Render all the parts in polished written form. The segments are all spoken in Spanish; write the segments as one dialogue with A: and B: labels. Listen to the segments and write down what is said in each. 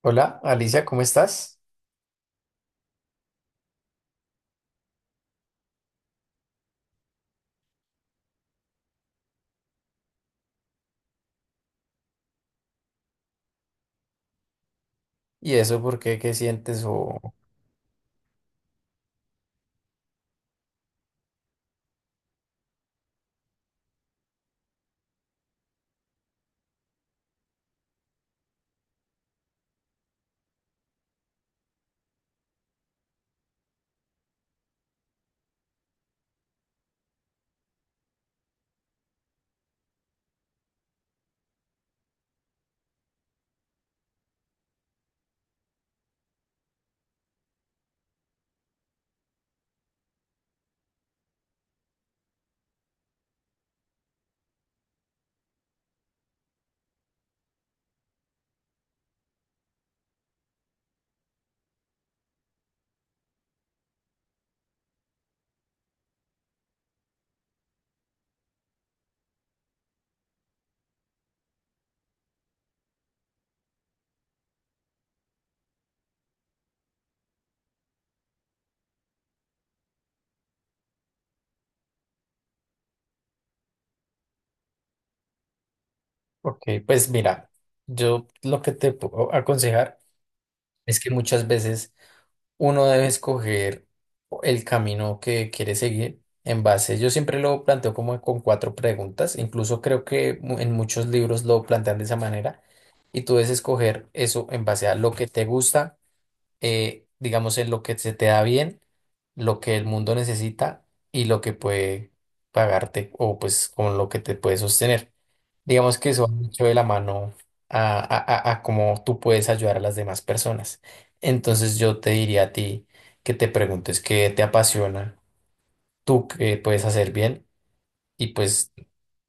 A: Hola, Alicia, ¿cómo estás? ¿Y eso por qué? ¿Qué sientes? Ok, pues mira, yo lo que te puedo aconsejar es que muchas veces uno debe escoger el camino que quiere seguir en base. Yo siempre lo planteo como con cuatro preguntas, incluso creo que en muchos libros lo plantean de esa manera, y tú debes escoger eso en base a lo que te gusta, digamos, en lo que se te da bien, lo que el mundo necesita y lo que puede pagarte o pues con lo que te puede sostener. Digamos que eso va mucho de la mano a, a, a cómo tú puedes ayudar a las demás personas. Entonces yo te diría a ti que te preguntes qué te apasiona, tú qué puedes hacer bien y pues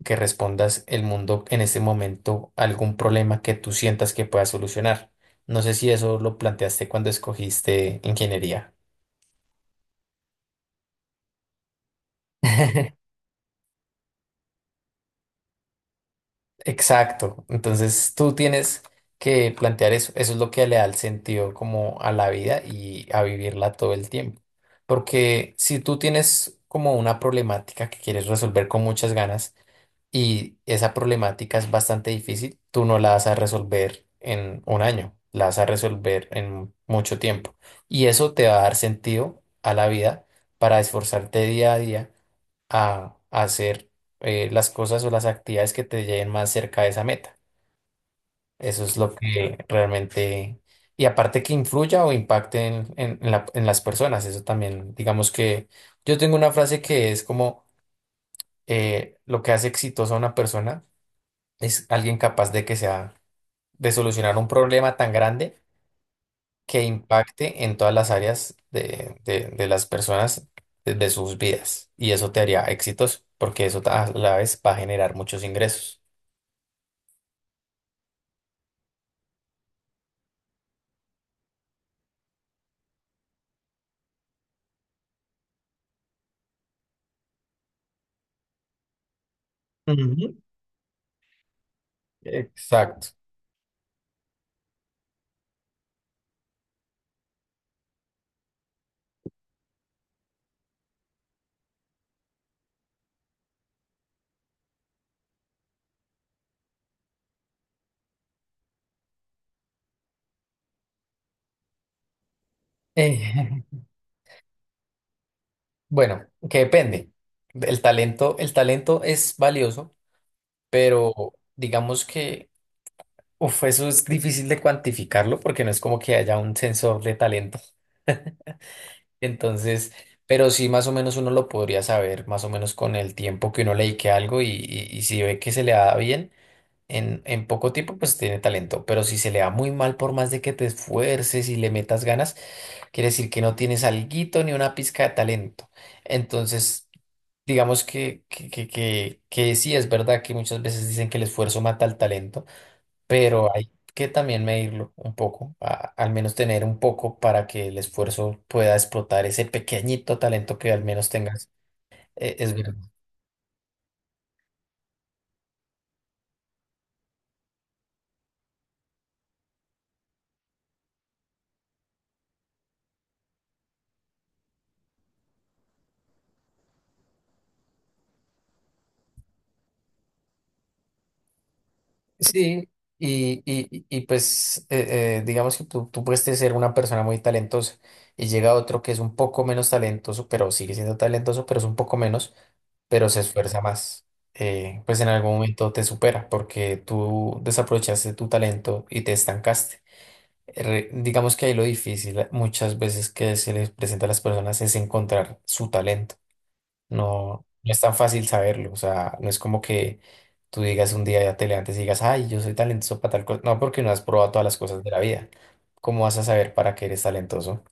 A: que respondas el mundo en este momento a algún problema que tú sientas que puedas solucionar. No sé si eso lo planteaste cuando escogiste ingeniería. Exacto. Entonces tú tienes que plantear eso. Eso es lo que le da el sentido como a la vida y a vivirla todo el tiempo. Porque si tú tienes como una problemática que quieres resolver con muchas ganas, y esa problemática es bastante difícil. Tú no la vas a resolver en un año, la vas a resolver en mucho tiempo. Y eso te va a dar sentido a la vida para esforzarte día a día a hacer las cosas o las actividades que te lleven más cerca de esa meta. Eso es lo que realmente... Y aparte que influya o impacte en las personas, eso también, digamos que yo tengo una frase que es como, lo que hace exitosa a una persona es alguien capaz de que sea, de solucionar un problema tan grande que impacte en todas las áreas de las personas, de sus vidas. Y eso te haría exitoso, porque eso a la vez va a generar muchos ingresos. Ujú. Exacto. Eh, bueno, que depende. El talento es valioso, pero digamos que uf, eso es difícil de cuantificarlo porque no es como que haya un sensor de talento. Entonces, pero sí más o menos uno lo podría saber, más o menos con el tiempo que uno le dedique a algo y si ve que se le da bien en poco tiempo, pues tiene talento. Pero si se le da muy mal por más de que te esfuerces y le metas ganas, quiere decir que no tienes alguito ni una pizca de talento. Entonces, digamos que sí es verdad que muchas veces dicen que el esfuerzo mata al talento, pero hay que también medirlo un poco, al menos tener un poco para que el esfuerzo pueda explotar ese pequeñito talento que al menos tengas. Es verdad. Sí, y pues digamos que tú puedes ser una persona muy talentosa y llega otro que es un poco menos talentoso, pero sigue siendo talentoso, pero es un poco menos, pero se esfuerza más. Pues en algún momento te supera porque tú desaprovechaste tu talento y te estancaste. Digamos que ahí lo difícil muchas veces que se les presenta a las personas es encontrar su talento. No, no es tan fácil saberlo. O sea, no es como que tú digas un día ya te levantes y digas, ay, yo soy talentoso para tal cosa. No, porque no has probado todas las cosas de la vida. ¿Cómo vas a saber para qué eres talentoso?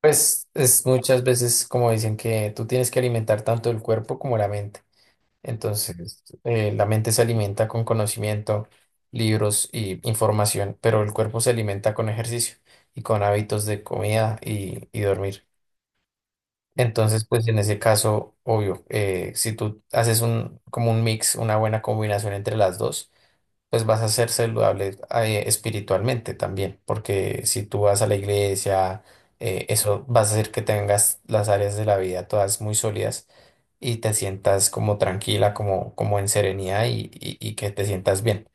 A: Pues es muchas veces como dicen que tú tienes que alimentar tanto el cuerpo como la mente. Entonces, la mente se alimenta con conocimiento, libros y información, pero el cuerpo se alimenta con ejercicio y con hábitos de comida y dormir. Entonces, pues en ese caso, obvio, si tú haces un, como un mix, una buena combinación entre las dos, pues vas a ser saludable, espiritualmente también, porque si tú vas a la iglesia, eso vas a hacer que tengas las áreas de la vida todas muy sólidas y te sientas como tranquila, como, como en serenidad y que te sientas bien.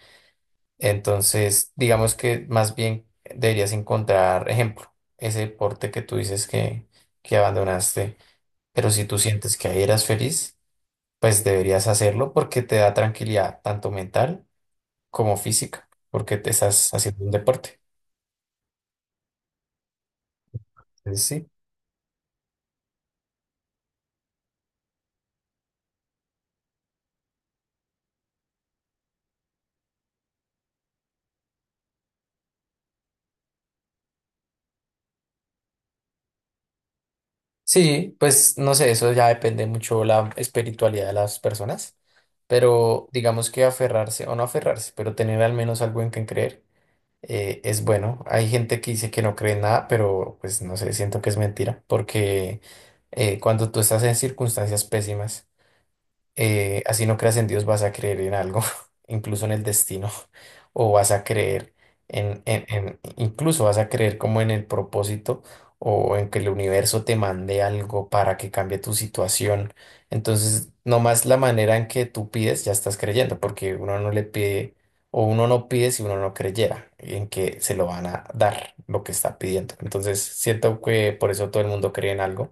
A: Entonces, digamos que más bien deberías encontrar ejemplo, ese deporte que tú dices que abandonaste, pero si tú sientes que ahí eras feliz, pues deberías hacerlo porque te da tranquilidad tanto mental, como física, porque te estás haciendo un deporte. Entonces, sí. Sí, pues no sé, eso ya depende mucho la espiritualidad de las personas, pero digamos que aferrarse o no aferrarse, pero tener al menos algo en que creer, es bueno. Hay gente que dice que no cree en nada, pero pues no sé, siento que es mentira, porque cuando tú estás en circunstancias pésimas, así no creas en Dios, vas a creer en algo, incluso en el destino, o vas a creer incluso vas a creer como en el propósito o en que el universo te mande algo para que cambie tu situación. Entonces, nomás la manera en que tú pides, ya estás creyendo, porque uno no le pide o uno no pide si uno no creyera en que se lo van a dar lo que está pidiendo. Entonces, siento que por eso todo el mundo cree en algo.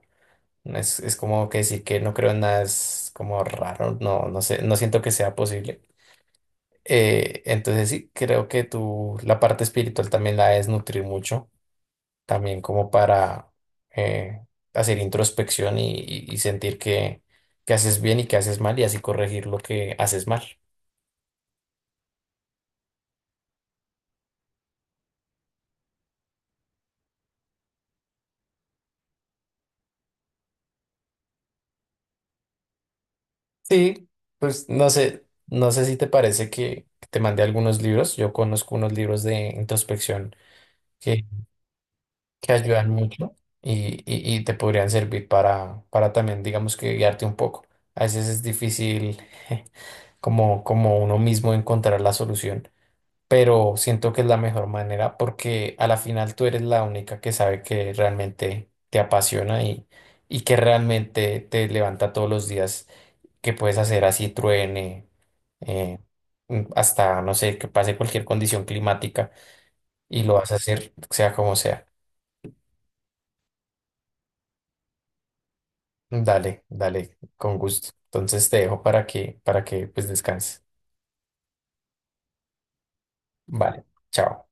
A: Es como que decir que no creo en nada, es como raro, no, no sé, no siento que sea posible. Entonces sí, creo que tú la parte espiritual también la debes nutrir mucho, también como para eh, hacer introspección y sentir que haces bien y que haces mal y así corregir lo que haces mal. Sí, pues no sé, no sé si te parece que te mandé algunos libros, yo conozco unos libros de introspección que ayudan mucho y te podrían servir para también, digamos que guiarte un poco. A veces es difícil como, como uno mismo encontrar la solución, pero siento que es la mejor manera porque a la final tú eres la única que sabe que realmente te apasiona y que realmente te levanta todos los días, que puedes hacer así truene, eh, hasta, no sé, que pase cualquier condición climática y lo vas a hacer sea como sea. Dale, dale, con gusto. Entonces te dejo para que pues descanses. Vale, chao.